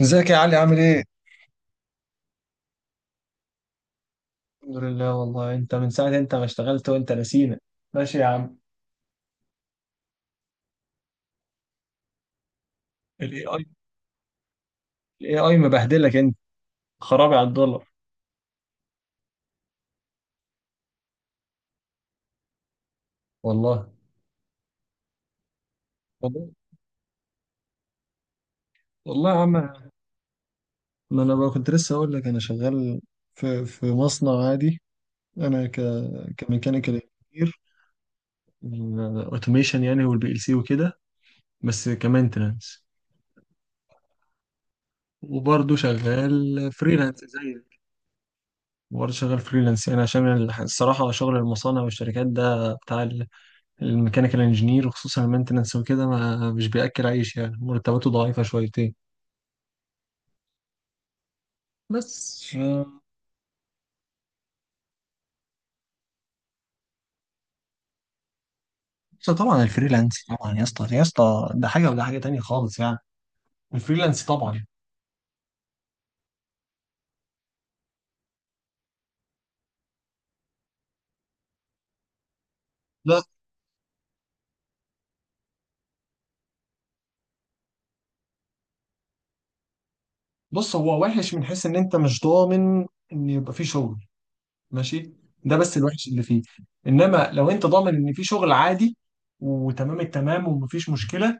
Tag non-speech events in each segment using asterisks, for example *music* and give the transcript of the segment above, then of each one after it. ازيك يا علي عامل ايه؟ الحمد لله. والله انت من ساعة انت ما اشتغلت وانت نسينا. ماشي يا عم. الاي اي. الاي اي مبهدلك انت، خرابي على الدولار. والله. والله. والله يا عم، ما انا بقى كنت لسه اقول لك انا شغال في مصنع عادي. انا ك كميكانيكال انجينير، اوتوميشن يعني والبي ال سي وكده، بس كمانتنس. وبرضه شغال فريلانس زيك. وبرضه شغال فريلانس يعني عشان الصراحة شغل المصانع والشركات ده بتاع الميكانيكال انجينير، وخصوصا المينتنس وكده، ما مش بياكل عيش يعني، مرتباته ضعيفه شويتين. بس بس طبعا الفريلانس طبعا يا اسطى، يا اسطى ده حاجه وده حاجه تانية خالص يعني. الفريلانس طبعا. لا، بص هو وحش من حيث ان انت مش ضامن ان يبقى فيه شغل، ماشي؟ ده بس الوحش اللي فيه. انما لو انت ضامن ان فيه شغل عادي وتمام التمام ومفيش مشكله،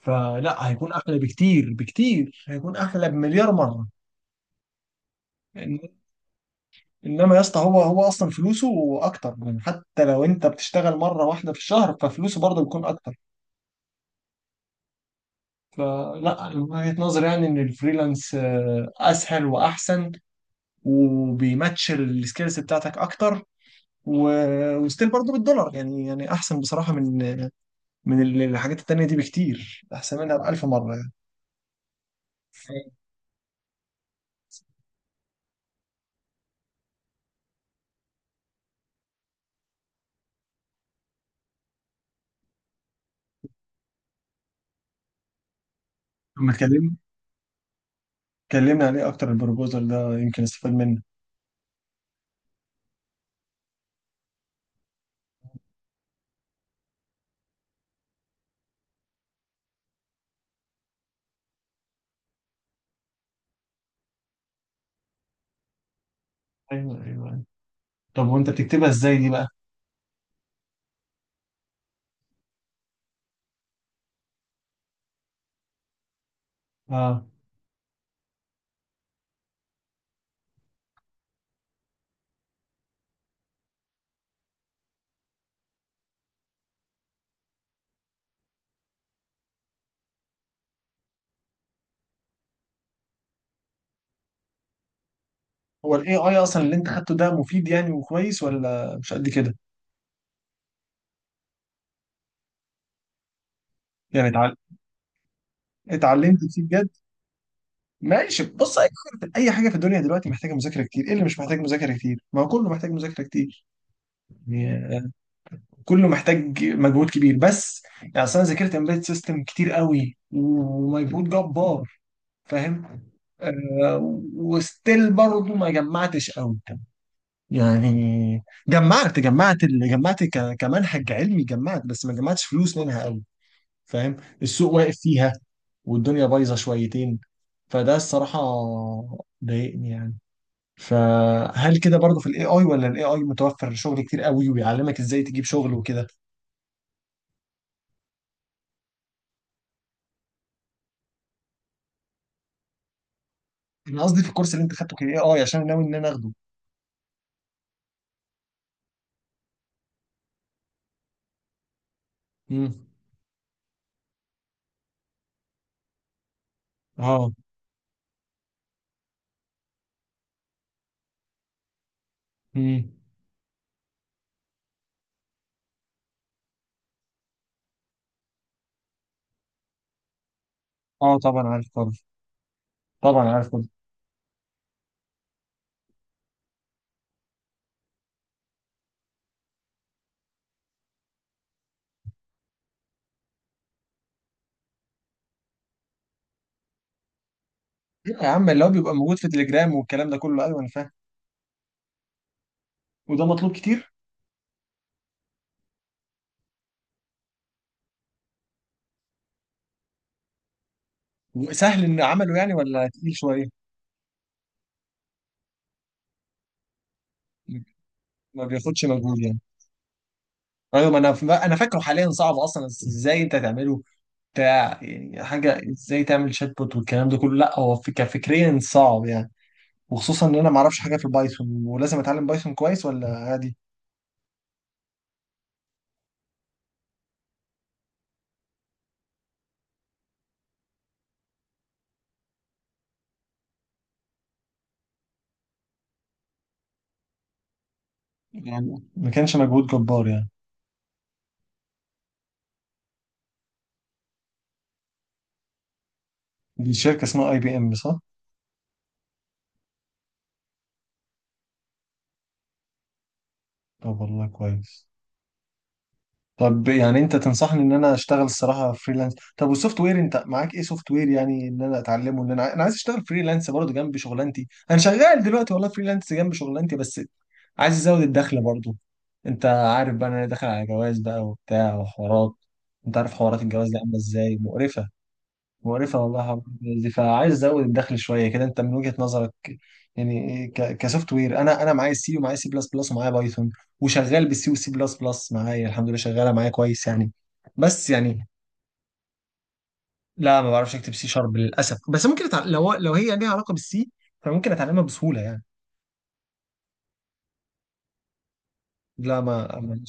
فلا هيكون احلى بكتير بكتير، هيكون احلى بمليار مره. انما يا اسطى هو اصلا فلوسه اكتر يعني، حتى لو انت بتشتغل مره واحده في الشهر ففلوسه برضه بيكون اكتر. فلا من وجهه نظري يعني ان الفريلانس اسهل واحسن، وبيماتش السكيلز بتاعتك اكتر، وستيل برضه بالدولار يعني، يعني احسن بصراحه من من الحاجات التانيه دي بكتير، احسن منها بألف مره يعني. لما اتكلمنا اتكلمنا عليه اكتر، البروبوزال ده يمكن استفاد منه. ايوه ايوه، طب وانت بتكتبها ازاي دي بقى؟ اه. هو الاي اي اصلا اللي انت خدته ده مفيد يعني وكويس، ولا مش قد كده؟ يعني اتعلمت فيه بجد؟ ماشي. بص، اي حاجه في أي حاجة في الدنيا دلوقتي محتاجه مذاكره كتير، ايه اللي مش محتاج مذاكره كتير؟ ما هو كله محتاج مذاكره كتير يعني. كله محتاج مجهود كبير، بس يعني أصل انا ذاكرت امبيد سيستم كتير قوي ومجهود جبار، فاهم؟ آه. وستيل برضه ما جمعتش قوي، يعني جمعت كمنهج علمي جمعت، بس ما جمعتش فلوس منها قوي. فاهم؟ السوق واقف فيها، والدنيا بايظه شويتين، فده الصراحه ضايقني يعني. فهل كده برضه في الاي اي، ولا الاي اي متوفر شغل كتير قوي ويعلمك ازاي تجيب شغل وكده؟ انا قصدي في الكورس اللي انت خدته كان اي اي، عشان ناوي ان انا اخده. امم. اه. امم. اه طبعا عارف طبعا. طبعا عارف طبعا. إيه يا عم اللي هو بيبقى موجود في تليجرام والكلام ده كله، ايوه انا فاهم. وده مطلوب كتير. وسهل ان عمله يعني، ولا تقيل شويه؟ ما بياخدش مجهود يعني؟ ايوه. ما انا فاكره حاليا صعب اصلا ازاي انت تعمله، بتاع يعني حاجه ازاي تعمل شات بوت والكلام ده كله، لا هو كفكريا صعب يعني. وخصوصا ان انا ما اعرفش حاجه في البايثون، ولازم اتعلم بايثون كويس ولا عادي؟ يعني ما كانش مجهود جبار يعني؟ دي شركه اسمها اي بي ام صح؟ طب والله كويس. طب يعني انت تنصحني ان انا اشتغل الصراحه فريلانس؟ طب والسوفت وير انت معاك ايه سوفت وير، يعني ان انا اتعلمه ان انا انا عايز اشتغل فريلانس برضه جنب شغلانتي، انا شغال دلوقتي والله فريلانس جنب شغلانتي بس عايز ازود الدخل برضه. انت عارف بقى ان انا داخل على جواز بقى وبتاع وحوارات، انت عارف حوارات الجواز دي عامله ازاي مقرفه، مقرفة والله حوار الجهاز دي، فعايز ازود الدخل شوية كده. انت من وجهة نظرك يعني كسوفت وير، انا معايا سي ومعايا سي بلس بلس ومعايا بايثون، وشغال بالسي وسي بلس بلس، معايا الحمد لله شغالة معايا كويس يعني. بس يعني لا، ما بعرفش اكتب سي شارب للاسف، بس ممكن لو هي ليها علاقة بالسي فممكن اتعلمها بسهولة يعني. لا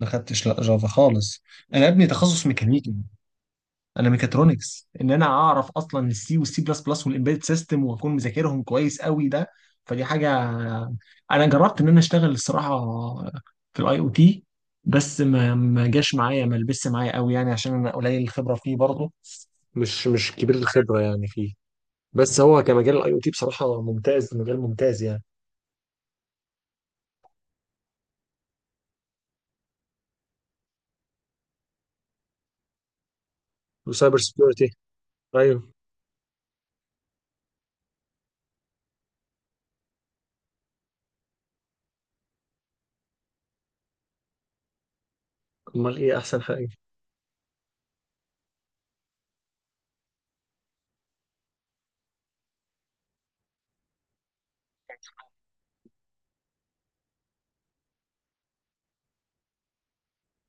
ما خدتش لا جافا خالص، انا ابني تخصص ميكانيكي، انا ميكاترونكس. ان انا اعرف اصلا السي والسي بلس بلس والامبيدد سيستم واكون مذاكرهم كويس قوي ده، فدي حاجه. انا جربت ان انا اشتغل الصراحه في الاي او تي، بس ما ما جاش معايا، ما لبس معايا قوي يعني عشان انا قليل الخبره فيه برضه، مش كبير الخبرة يعني فيه. بس هو كمجال الاي او تي بصراحة ممتاز، مجال ممتاز يعني. وسايبر سكيورتي. ايوه. امال ايه احسن حاجة؟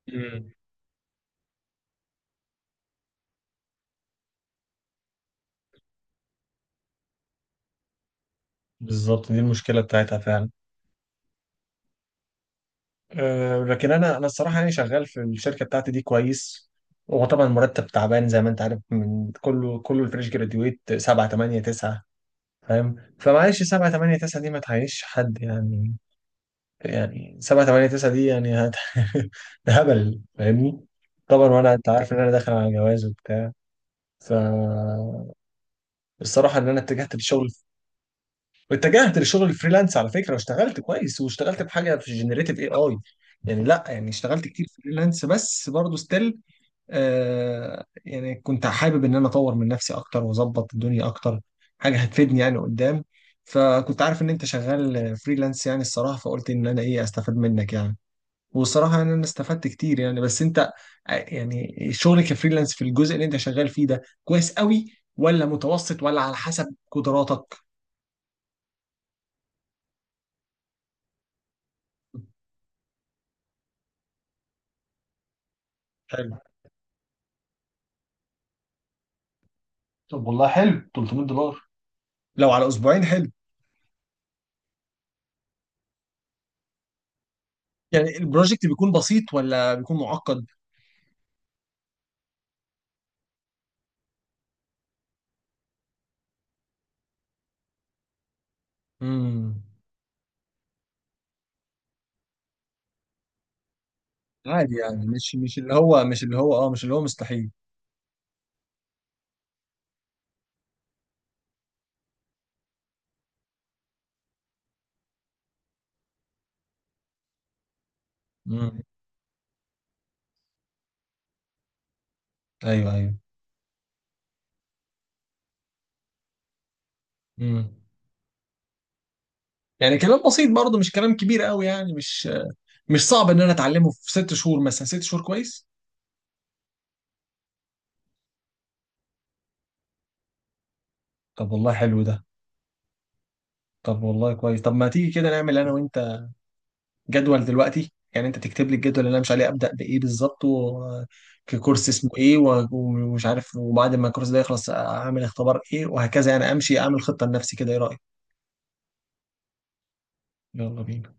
مم. بالظبط دي المشكله بتاعتها فعلا. أه، لكن انا الصراحه يعني شغال في الشركه بتاعتي دي كويس. هو طبعا المرتب تعبان زي ما انت عارف، من كله كله الفريش جراديويت 7 8 9، فاهم؟ فمعلش 7 8 9 دي ما تعيش حد يعني. يعني 7 8 9 دي يعني هت... *laughs* ده هبل فاهمني. طبعا. وانا انت عارف ان انا داخل على جواز وبتاع، فالصراحه ان انا اتجهت للشغل واتجهت لشغل الفريلانس على فكره، واشتغلت كويس واشتغلت بحاجه في جنريتيف اي اي. يعني لا يعني اشتغلت كتير فريلانس، بس برضه ستيل آه، يعني كنت حابب ان انا اطور من نفسي اكتر واظبط الدنيا اكتر، حاجه هتفيدني يعني قدام. فكنت عارف ان انت شغال فريلانس يعني الصراحه، فقلت ان انا ايه استفاد منك يعني. والصراحه يعني انا استفدت كتير يعني. بس انت يعني شغلك كفريلانس في الجزء اللي انت شغال فيه ده كويس قوي، ولا متوسط، ولا على حسب قدراتك؟ طب والله حلو، 300 دولار لو على اسبوعين حلو. يعني البروجكت بيكون بسيط ولا بيكون معقد؟ امم. عادي يعني، مش مش اللي هو، مش اللي هو اه، مش اللي هو مستحيل. امم. ايوه ايوه. امم. يعني كلام بسيط برضه، مش كلام كبير قوي يعني، مش مش صعب ان انا اتعلمه في ست شهور مثلا. ست شهور كويس. طب والله حلو ده. طب والله كويس. طب ما تيجي كده نعمل انا وانت جدول دلوقتي، يعني انت تكتب لي الجدول اللي انا مش عليه ابدا بايه بالظبط، ككورس اسمه ايه، ومش عارف، وبعد ما الكورس ده يخلص اعمل اختبار ايه، وهكذا يعني. امشي اعمل خطه لنفسي كده، ايه رايك؟ يلا بينا.